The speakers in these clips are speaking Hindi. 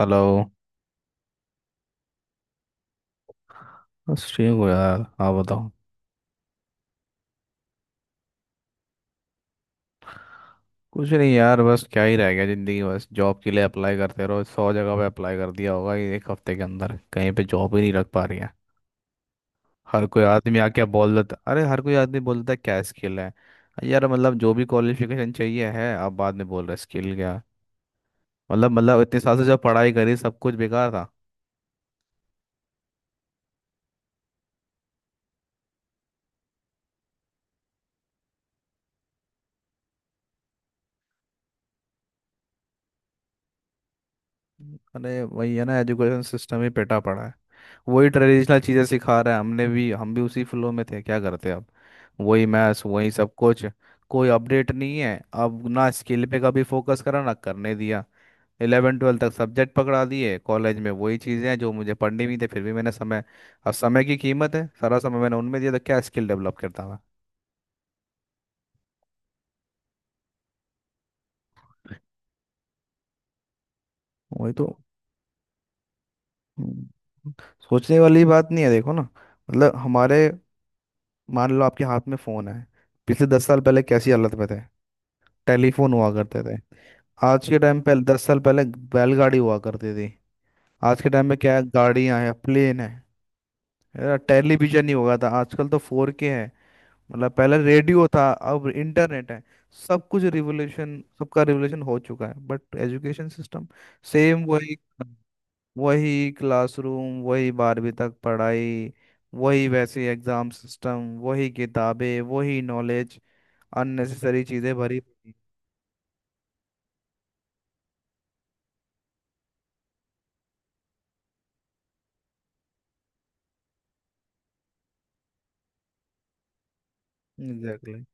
हेलो. बस ठीक हो यार, आप बताओ. कुछ नहीं यार, बस क्या ही रह गया ज़िंदगी. बस जॉब के लिए अप्लाई करते रहो. सौ जगह पे अप्लाई कर दिया होगा ये एक हफ्ते के अंदर, कहीं पे जॉब ही नहीं लग पा रही है. हर कोई आदमी आके बोल देता, अरे हर कोई आदमी बोल देता है क्या स्किल है. यार मतलब जो भी क्वालिफिकेशन चाहिए है, आप बाद में बोल रहे स्किल क्या. मतलब इतने साल से जब पढ़ाई करी, सब कुछ बेकार था. अरे वही है ना, एजुकेशन सिस्टम ही पेटा पड़ा है. वही ट्रेडिशनल चीज़ें सिखा रहा है. हमने भी हम भी उसी फ्लो में थे, क्या करते अब. वही मैथ्स, वही सब कुछ. कोई अपडेट नहीं है. अब ना स्किल पे कभी फोकस करा ना करने दिया. 11वीं 12वीं तक सब्जेक्ट पकड़ा दिए, कॉलेज में वही चीज़ें हैं जो मुझे पढ़नी भी थी. फिर भी मैंने समय, अब समय की कीमत है. सारा समय मैंने उनमें दिया, तो क्या स्किल डेवलप करता मैं. वही तो. हम्म, सोचने वाली बात नहीं है, देखो ना. मतलब हमारे, मान लो आपके हाथ में फोन है. पिछले 10 साल पहले कैसी हालत में थे. टेलीफोन हुआ करते थे. आज के टाइम पे, 10 साल पहले बैलगाड़ी हुआ करती थी. आज के टाइम में क्या है, गाड़ियां हैं, प्लेन है यार. टेलीविजन ही होगा था, आजकल तो 4K है. मतलब पहले रेडियो था, अब इंटरनेट है. सब कुछ रिवोल्यूशन, सबका रिवोल्यूशन हो चुका है, बट एजुकेशन सिस्टम सेम वही. वही क्लासरूम, वही 12वीं तक पढ़ाई. वही वैसे एग्जाम सिस्टम, वही किताबें, वही नॉलेज. अननेसेसरी चीजें भरी पड़ी. एग्जैक्टली.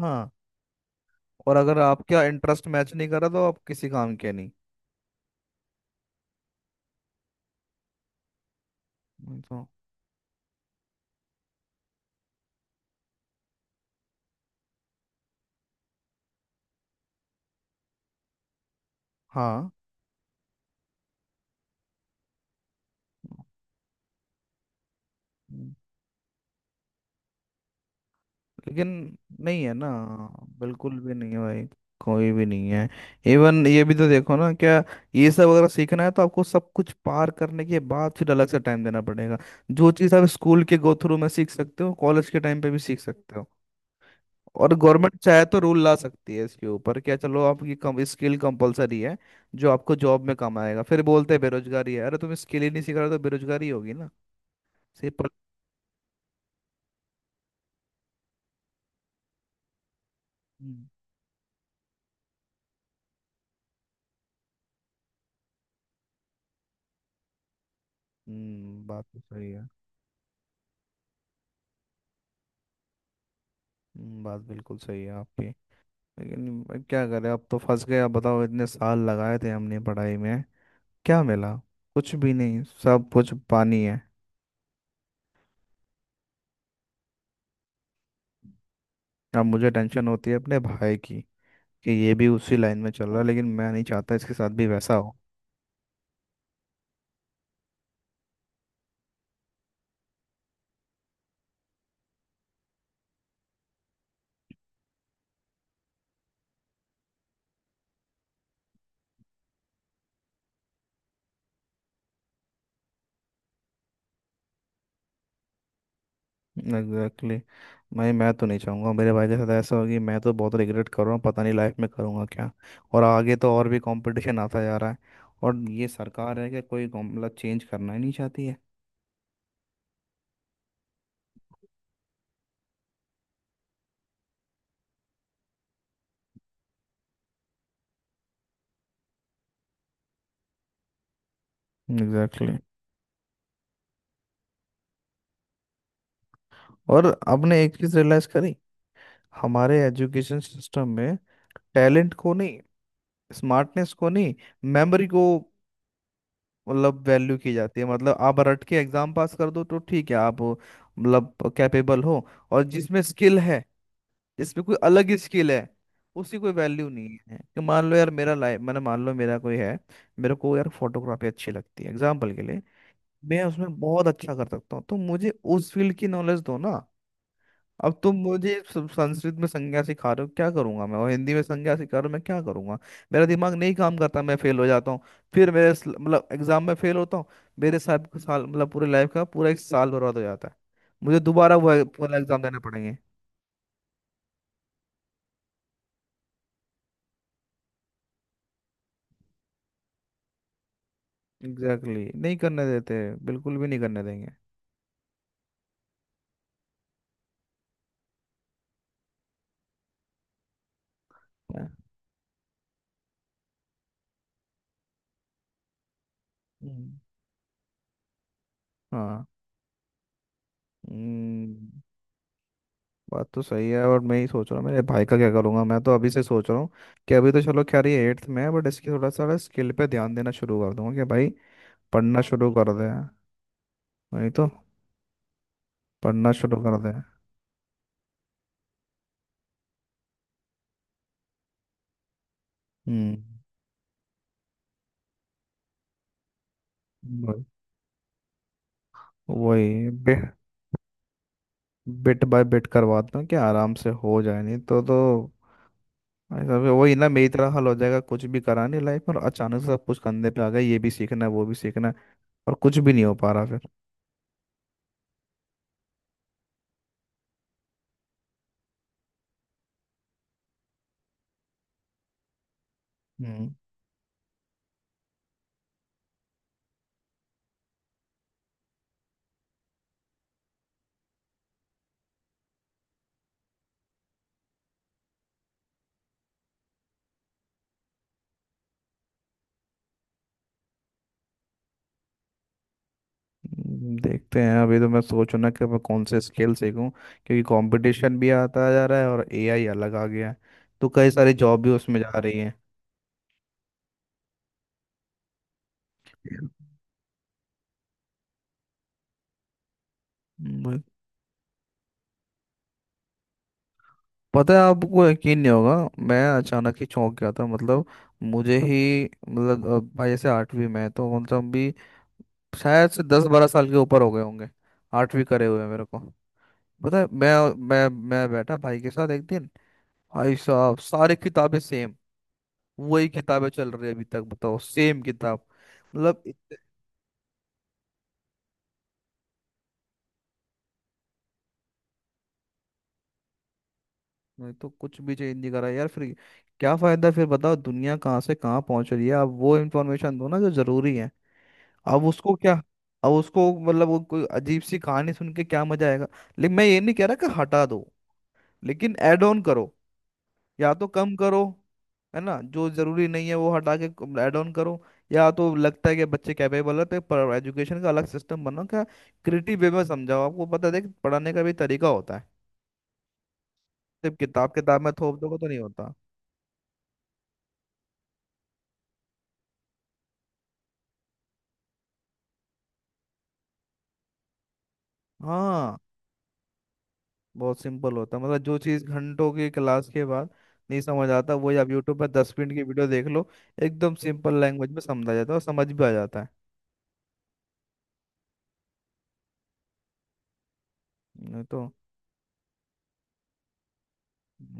हाँ, और अगर आपका इंटरेस्ट मैच नहीं कर रहा, तो आप किसी काम के नहीं. तो हाँ लेकिन. नहीं है ना, बिल्कुल भी नहीं है भाई. कोई भी नहीं है. इवन ये भी तो देखो ना क्या, ये सब अगर सीखना है तो आपको सब कुछ पार करने के बाद फिर अलग से टाइम देना पड़ेगा. जो चीज़ आप स्कूल के गो थ्रू में सीख सकते हो, कॉलेज के टाइम पे भी सीख सकते हो. और गवर्नमेंट चाहे तो रूल ला सकती है इसके ऊपर, क्या चलो आपकी कम स्किल कंपलसरी है जो आपको जॉब में काम आएगा. फिर बोलते हैं बेरोजगारी है, अरे तुम स्किल ही नहीं सीख रहे हो तो बेरोजगारी होगी ना. सिर्फ हम्म हम्म. बात तो सही है. बात बिल्कुल सही है आपकी. लेकिन भाई क्या करें, अब तो फंस गए. अब बताओ, इतने साल लगाए थे हमने पढ़ाई में, क्या मिला. कुछ भी नहीं, सब कुछ पानी है. अब मुझे टेंशन होती है अपने भाई की, कि ये भी उसी लाइन में चल रहा है. लेकिन मैं नहीं चाहता इसके साथ भी वैसा हो. Exactly exactly. मैं तो नहीं चाहूँगा मेरे भाई के साथ ऐसा होगी. मैं तो बहुत रिग्रेट कर रहा हूँ, पता नहीं लाइफ में करूँगा क्या. और आगे तो और भी कंपटीशन आता जा रहा है. और ये सरकार है कि कोई मतलब चेंज करना ही नहीं चाहती है. Exactly exactly. और आपने एक चीज़ रियलाइज़ करी हमारे एजुकेशन सिस्टम में. टैलेंट को नहीं, स्मार्टनेस को नहीं, मेमोरी को मतलब वैल्यू की जाती है. मतलब आप रट के एग्जाम पास कर दो तो ठीक है, आप मतलब कैपेबल हो. और जिसमें स्किल है, जिसमें कोई अलग ही स्किल है, उसी कोई वैल्यू नहीं है. कि मान लो यार, मेरा लाइफ, मैंने मान लो मेरा कोई है, मेरे को यार फोटोग्राफी अच्छी लगती है एग्जाम्पल के लिए. मैं उसमें बहुत अच्छा कर सकता हूँ, तो मुझे उस फील्ड की नॉलेज दो ना. अब तुम मुझे संस्कृत में संज्ञा सिखा रहे हो, क्या करूंगा मैं. और हिंदी में संज्ञा सिखा रहे हो, मैं क्या करूंगा. मेरा दिमाग नहीं काम करता, मैं फेल हो जाता हूँ. फिर मेरे मतलब एग्जाम में फेल होता हूँ. मेरे साथ का साल, मतलब पूरे लाइफ का पूरा एक साल बर्बाद हो जाता है. मुझे दोबारा वो वाला एग्जाम देने पड़ेंगे. Exactly exactly. नहीं करने देते, बिल्कुल भी नहीं करने देंगे. हाँ. हम्म. हाँ. हम्म, बात तो सही है. और मैं ही सोच रहा हूँ मेरे भाई का क्या करूंगा. मैं तो अभी से सोच रहा हूँ कि अभी तो चलो खैर ये 8th में है, बट इसकी थोड़ा सा स्किल पे ध्यान देना शुरू कर दूंगा. कि भाई पढ़ना शुरू कर दे. वही तो. पढ़ना शुरू कर दे. हम्म. वही. वही, बिट बाय बिट करवाता हूँ कि आराम से हो जाए. नहीं तो भाई साहब, वही ना मेरी तरह हल हो जाएगा. कुछ भी करा नहीं लाइफ में, और अचानक से सब कुछ कंधे पे आ गया. ये भी सीखना है, वो भी सीखना है, और कुछ भी नहीं हो पा रहा फिर. हम्म. देखते हैं. अभी तो मैं सोचू ना कि मैं कौन से स्किल सीखूं, क्योंकि कंपटीशन भी आता जा रहा है और एआई अलग आ गया है. तो कई सारी जॉब भी उसमें जा रही है. पता है, आपको यकीन नहीं होगा. मैं अचानक ही चौंक गया था मतलब. मुझे ही मतलब भाई ऐसे 8वीं में है, तो कौन सा हम भी शायद से 10 12 साल के ऊपर हो गए होंगे 8वीं करे हुए मेरे को. पता है मैं बैठा भाई के साथ एक दिन, भाई साहब सारी किताबें सेम. वही किताबें चल रही है अभी तक, बताओ सेम किताब. मतलब नहीं तो कुछ भी चेंज नहीं करा यार फिर. क्या फायदा फिर, बताओ दुनिया कहाँ से कहाँ पहुंच रही है, आप वो इन्फॉर्मेशन दो ना जो जरूरी है. अब उसको क्या, अब उसको मतलब वो कोई अजीब सी कहानी सुन के क्या मजा आएगा. लेकिन मैं ये नहीं कह रहा कि हटा दो. लेकिन ऐड ऑन करो, या तो कम करो. है ना, जो जरूरी नहीं है वो हटा के ऐड ऑन करो. या तो लगता है कि बच्चे कैपेबल है, तो पर एजुकेशन का अलग सिस्टम बनाओ क्या. क्रिएटिव वे में समझाओ. आपको पता है, देख, पढ़ाने का भी तरीका होता है. सिर्फ किताब किताब में थोप दोगे तो नहीं होता. हाँ, बहुत सिंपल होता है. मतलब जो चीज़ घंटों की क्लास के बाद नहीं समझ आता, वही आप यूट्यूब पर 10 मिनट की वीडियो देख लो, एकदम सिंपल लैंग्वेज में समझा जाता है और समझ भी आ जाता है. नहीं तो.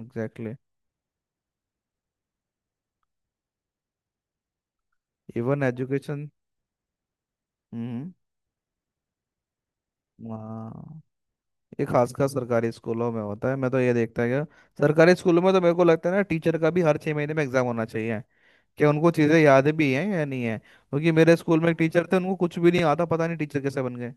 एग्जैक्टली. Even education. हम्म. हाँ, ये खासकर सरकारी स्कूलों में होता है, मैं तो ये देखता गया. सरकारी स्कूलों में तो मेरे को लगता है ना, टीचर का भी हर 6 महीने में एग्जाम होना चाहिए कि उनको चीज़ें याद भी हैं या नहीं है. क्योंकि मेरे स्कूल में एक टीचर थे, उनको कुछ भी नहीं आता. पता नहीं टीचर कैसे बन गए.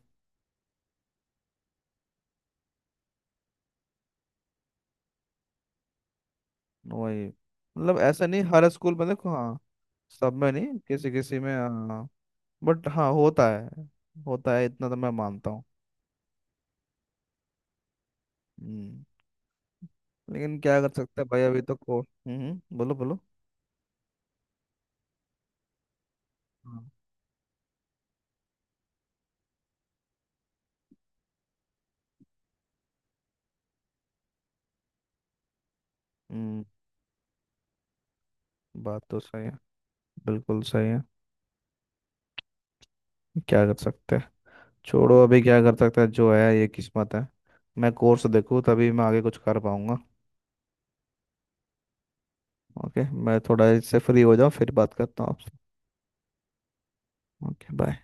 वही, मतलब ऐसा नहीं हर स्कूल में, देखो हाँ. सब में नहीं, किसी किसी में हाँ. बट हाँ होता है, होता है, इतना तो मैं मानता हूँ. हम्म, लेकिन क्या कर सकते हैं भाई. अभी तो को हम्म, बोलो बोलो. हाँ. हम्म, बात तो सही है. बिल्कुल सही है. क्या कर सकते हैं. छोड़ो, अभी क्या कर सकते हैं, जो है ये किस्मत है. मैं कोर्स देखूँ तभी मैं आगे कुछ कर पाऊंगा. ओके, मैं थोड़ा इससे फ्री हो जाऊँ फिर बात करता हूँ आपसे. Okay bye.